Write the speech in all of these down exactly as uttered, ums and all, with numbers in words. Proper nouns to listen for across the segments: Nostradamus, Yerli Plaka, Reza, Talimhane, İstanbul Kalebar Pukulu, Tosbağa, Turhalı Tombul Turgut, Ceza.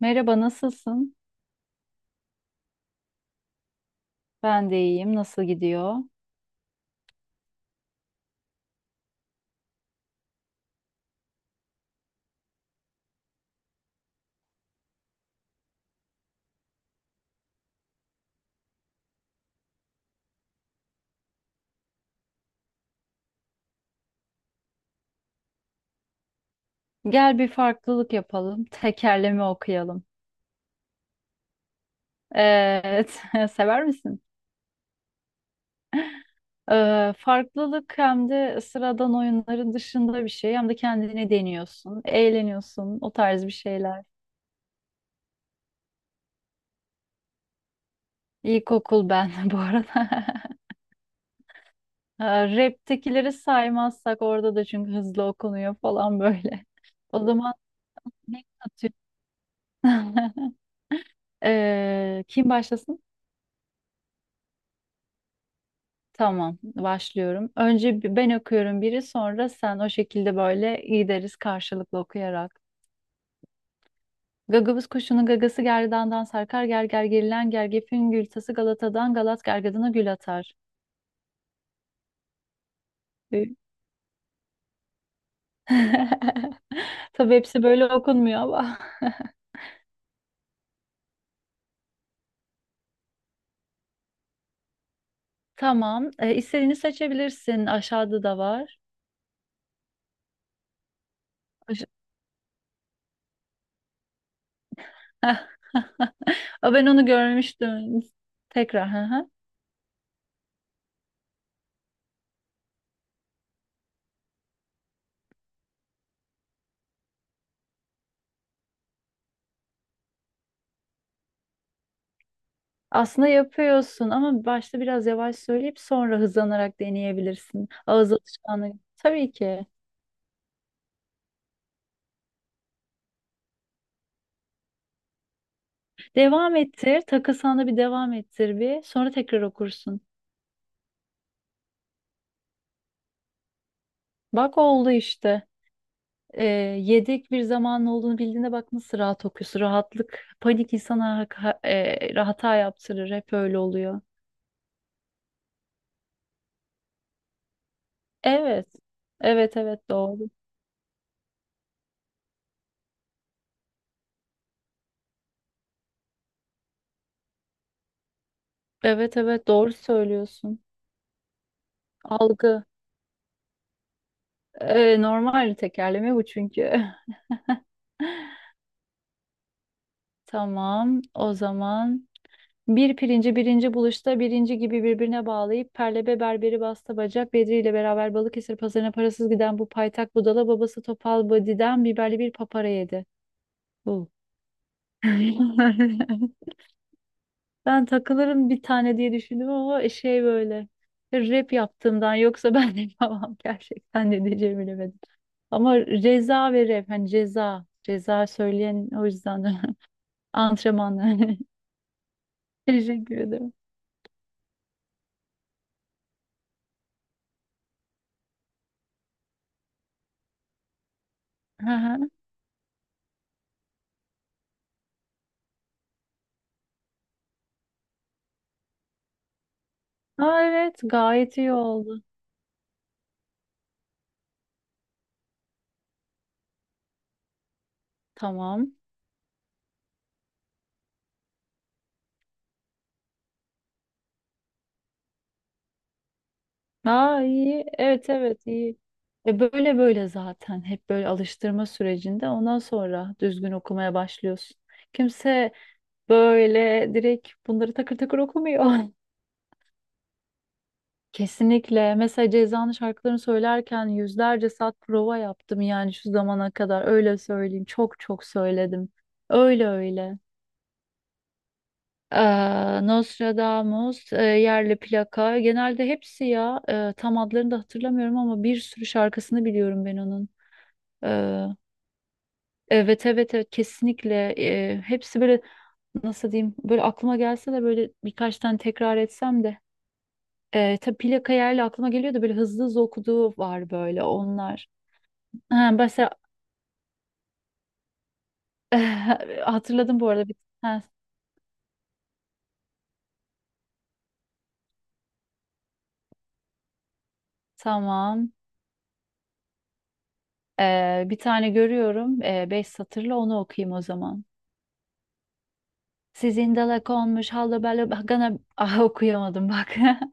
Merhaba, nasılsın? Ben de iyiyim. Nasıl gidiyor? Gel bir farklılık yapalım. Tekerleme okuyalım. Evet, sever misin? Ee, farklılık hem de sıradan oyunların dışında bir şey. Hem de kendini deniyorsun, eğleniyorsun, o tarz bir şeyler. İlkokul ben bu arada. Ee, Rap'tekileri saymazsak orada da çünkü hızlı okunuyor falan böyle. O zaman ne katıyor? Ee, kim başlasın? Tamam, başlıyorum. Önce bi- ben okuyorum biri, sonra sen o şekilde böyle gideriz karşılıklı okuyarak. Gagavuz kuşunun gagası gerdandan sarkar, gerger gerilen gergefin gültası Galata'dan Galat gergedana gül atar. Gül. Tabii hepsi böyle okunmuyor ama. Tamam, e, istediğini seçebilirsin. Aşağıda da var. Aş- Aa, ben onu görmüştüm. Tekrar. Hı hı. Aslında yapıyorsun ama başta biraz yavaş söyleyip sonra hızlanarak deneyebilirsin. Ağız alışkanlığı. Tabii ki. Devam ettir. Takılsana bir devam ettir bir. Sonra tekrar okursun. Bak oldu işte. Ee, Yedek bir zamanın olduğunu bildiğinde bak nasıl rahat okuyorsun. Rahatlık, panik insana ha- ha- e, hata yaptırır. Hep öyle oluyor. Evet. Evet evet doğru. Evet evet doğru söylüyorsun. Algı. Ee, normal tekerleme bu çünkü. Tamam, o zaman. Bir pirinci birinci buluşta birinci gibi birbirine bağlayıp Perlebe berberi bastı bacak Bedri ile beraber Balıkesir pazarına parasız giden bu paytak budala babası Topal Badi'den biberli bir papara yedi. Bu. Ben takılırım bir tane diye düşündüm ama şey böyle rap yaptığımdan yoksa ben de yapamam gerçekten ne diyeceğimi bilemedim. Ama ceza ve rap hani ceza ceza söyleyen o yüzden de antrenmanla. Teşekkür ederim. Hı hı. Aa, evet gayet iyi oldu. Tamam. Aa iyi. Evet evet iyi. E böyle böyle zaten hep böyle alıştırma sürecinde ondan sonra düzgün okumaya başlıyorsun. Kimse böyle direkt bunları takır takır okumuyor. Kesinlikle. Mesela Ceza'nın şarkılarını söylerken yüzlerce saat prova yaptım yani şu zamana kadar öyle söyleyeyim. Çok çok söyledim. Öyle öyle. Eee, Nostradamus, eee, Yerli Plaka. Genelde hepsi ya. Eee, tam adlarını da hatırlamıyorum ama bir sürü şarkısını biliyorum ben onun. Eee, evet evet evet kesinlikle. Eee, hepsi böyle nasıl diyeyim böyle aklıma gelse de böyle birkaç tane tekrar etsem de. Eee tabii Plaka Yerli aklıma geliyor da böyle hızlı hızlı okuduğu var böyle onlar. Ha, mesela hatırladım bu arada. Bir, ha, tamam. Eee, bir tane görüyorum. Eee, beş satırla onu okuyayım o zaman. Sizin dalak olmuş hallı bello gana ah okuyamadım bak.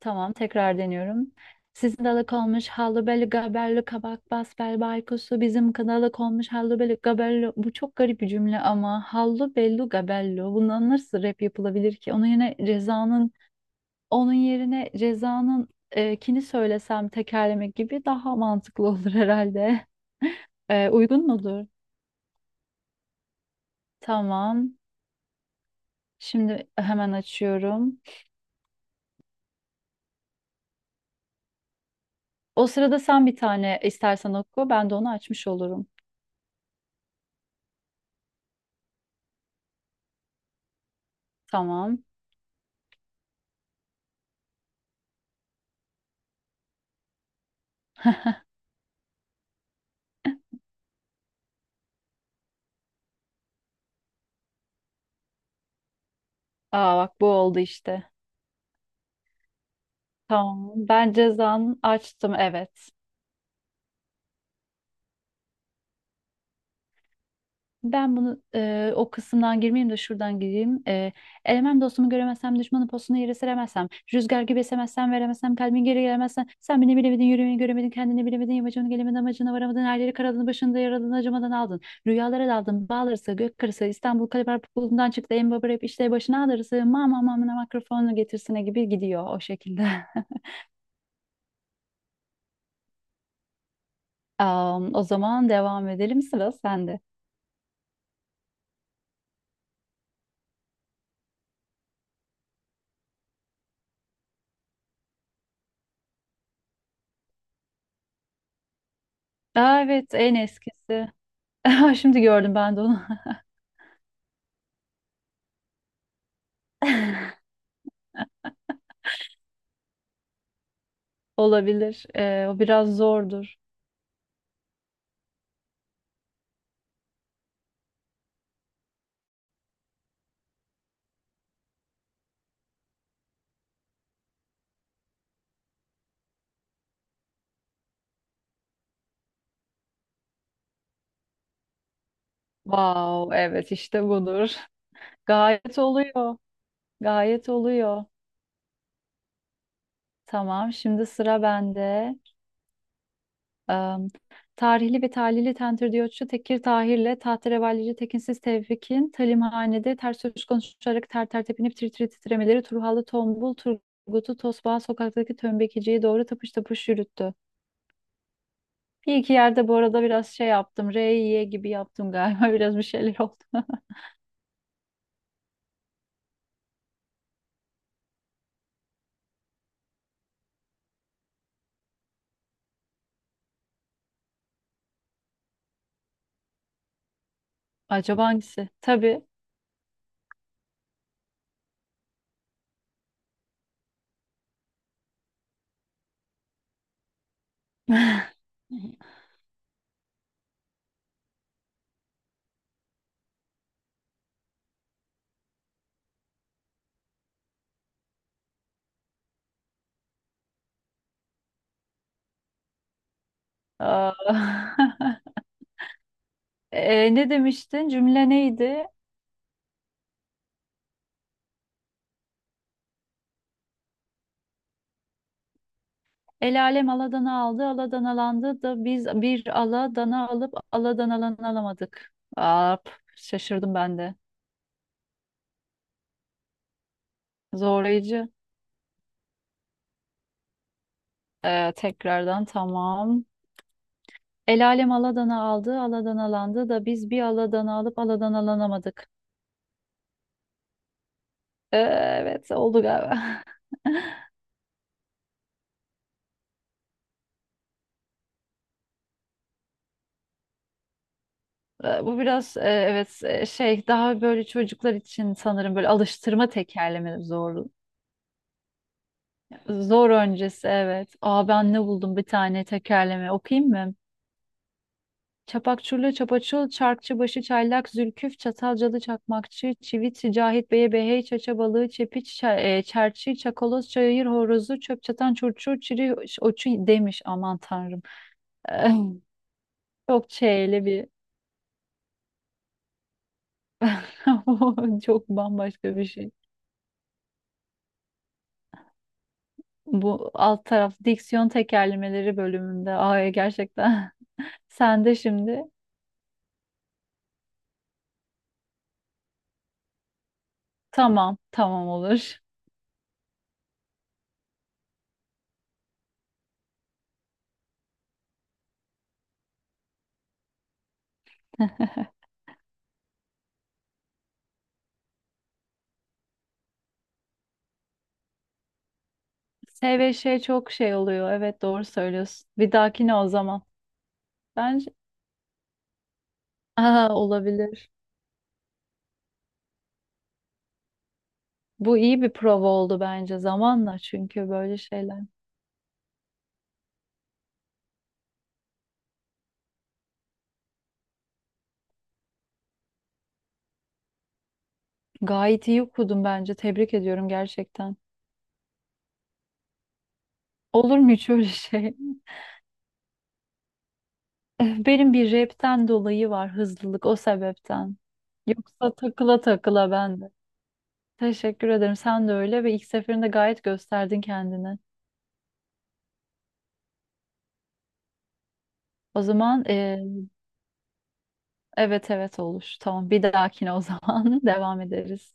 Tamam tekrar deniyorum. Sizin dalak olmuş hallı bello gabello kabak bas bel baykusu bizim dalak olmuş hallı bello gabello. Bu çok garip bir cümle ama hallı bello gabello. Bundan nasıl rap yapılabilir ki? Onun yerine Reza'nın onun yerine Reza'nın e, kini söylesem tekerlemek gibi daha mantıklı olur herhalde. E, uygun mudur? Tamam. Şimdi hemen açıyorum. O sırada sen bir tane istersen oku, ben de onu açmış olurum. Tamam. Aa bak bu oldu işte. Tamam. Ben cezanı açtım, evet. Ben bunu e, o kısımdan girmeyeyim de şuradan gireyim. E, elemem dostumu göremezsem, düşmanın postunu yere seremezsem, rüzgar gibi esemezsem, veremezsem, kalbin geri gelemezsen, sen beni bilemedin, yürümeyi göremedin, kendini bilemedin, yamacını gelemedin, amacına varamadın, her yeri karadın, başında yaraladın, acımadan aldın. Rüyalara daldın, bağlarsa, gök kırısı, İstanbul Kalebar Pukulu'ndan çıktı, en baba rap işte başına ağrısı, mama mamına mikrofonu getirsine gibi gidiyor o şekilde. Am, o zaman devam edelim, sıra sende. Aa, evet, en eskisi. Şimdi gördüm ben de onu. Olabilir. Ee, o biraz zordur. Wow, evet işte budur. Gayet oluyor. Gayet oluyor. Tamam, şimdi sıra bende. Am, tarihli ve talihli Tentir Diyotçu Tekir Tahir'le Tahterevallici Tekinsiz Tevfik'in Talimhanede ters söz konuşarak ter ter tepinip tir tir titremeleri Turhalı Tombul Turgut'u Tosbağa sokaktaki tömbekiciye doğru tapış tapış yürüttü. Bir iki yerde bu arada biraz şey yaptım. R, Y gibi yaptım galiba. Biraz bir şeyler oldu. Acaba hangisi? Tabii. Aa. E, ne demiştin? Cümle neydi? El alem aladanı aldı, aladan alandı da biz bir aladana alıp aladan alanı alamadık. Aa, p- şaşırdım ben de. Zorlayıcı. Ee, tekrardan tamam. El alem aladanı aldı, aladan alandı da biz bir aladanı alıp aladan alanamadık. Ee, evet oldu galiba. Ee, Bu biraz e, evet e, şey daha böyle çocuklar için sanırım böyle alıştırma tekerleme zorlu. Zor öncesi evet. Aa ben ne buldum bir tane tekerleme okuyayım mı? Çapakçurlu çapaçul, çarkçıbaşı çaylak, zülküf, çatalcalı çakmakçı, çivit, cahit beye behey, çaça balığı, çepiç, ça- e, çerçi, çakoloz, çayır horozu, çöp çatan çurçur, çiri, oçu demiş aman tanrım. Eh, çok çeyli bir çok bambaşka bir şey. Bu alt taraf diksiyon tekerlemeleri bölümünde. Ay gerçekten. Sen de şimdi. Tamam, tamam olur. S ve şey çok şey oluyor. Evet doğru söylüyorsun. Bir dahakine o zaman. Bence aha, olabilir. Bu iyi bir prova oldu bence zamanla çünkü böyle şeyler. Gayet iyi okudum bence. Tebrik ediyorum gerçekten. Olur mu hiç öyle şey? Benim bir rapten dolayı var hızlılık o sebepten. Yoksa takıla takıla ben de. Teşekkür ederim. Sen de öyle ve ilk seferinde gayet gösterdin kendini. O zaman eee, evet evet olur. Tamam bir dahakine o zaman devam ederiz.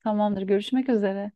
Tamamdır. Görüşmek üzere.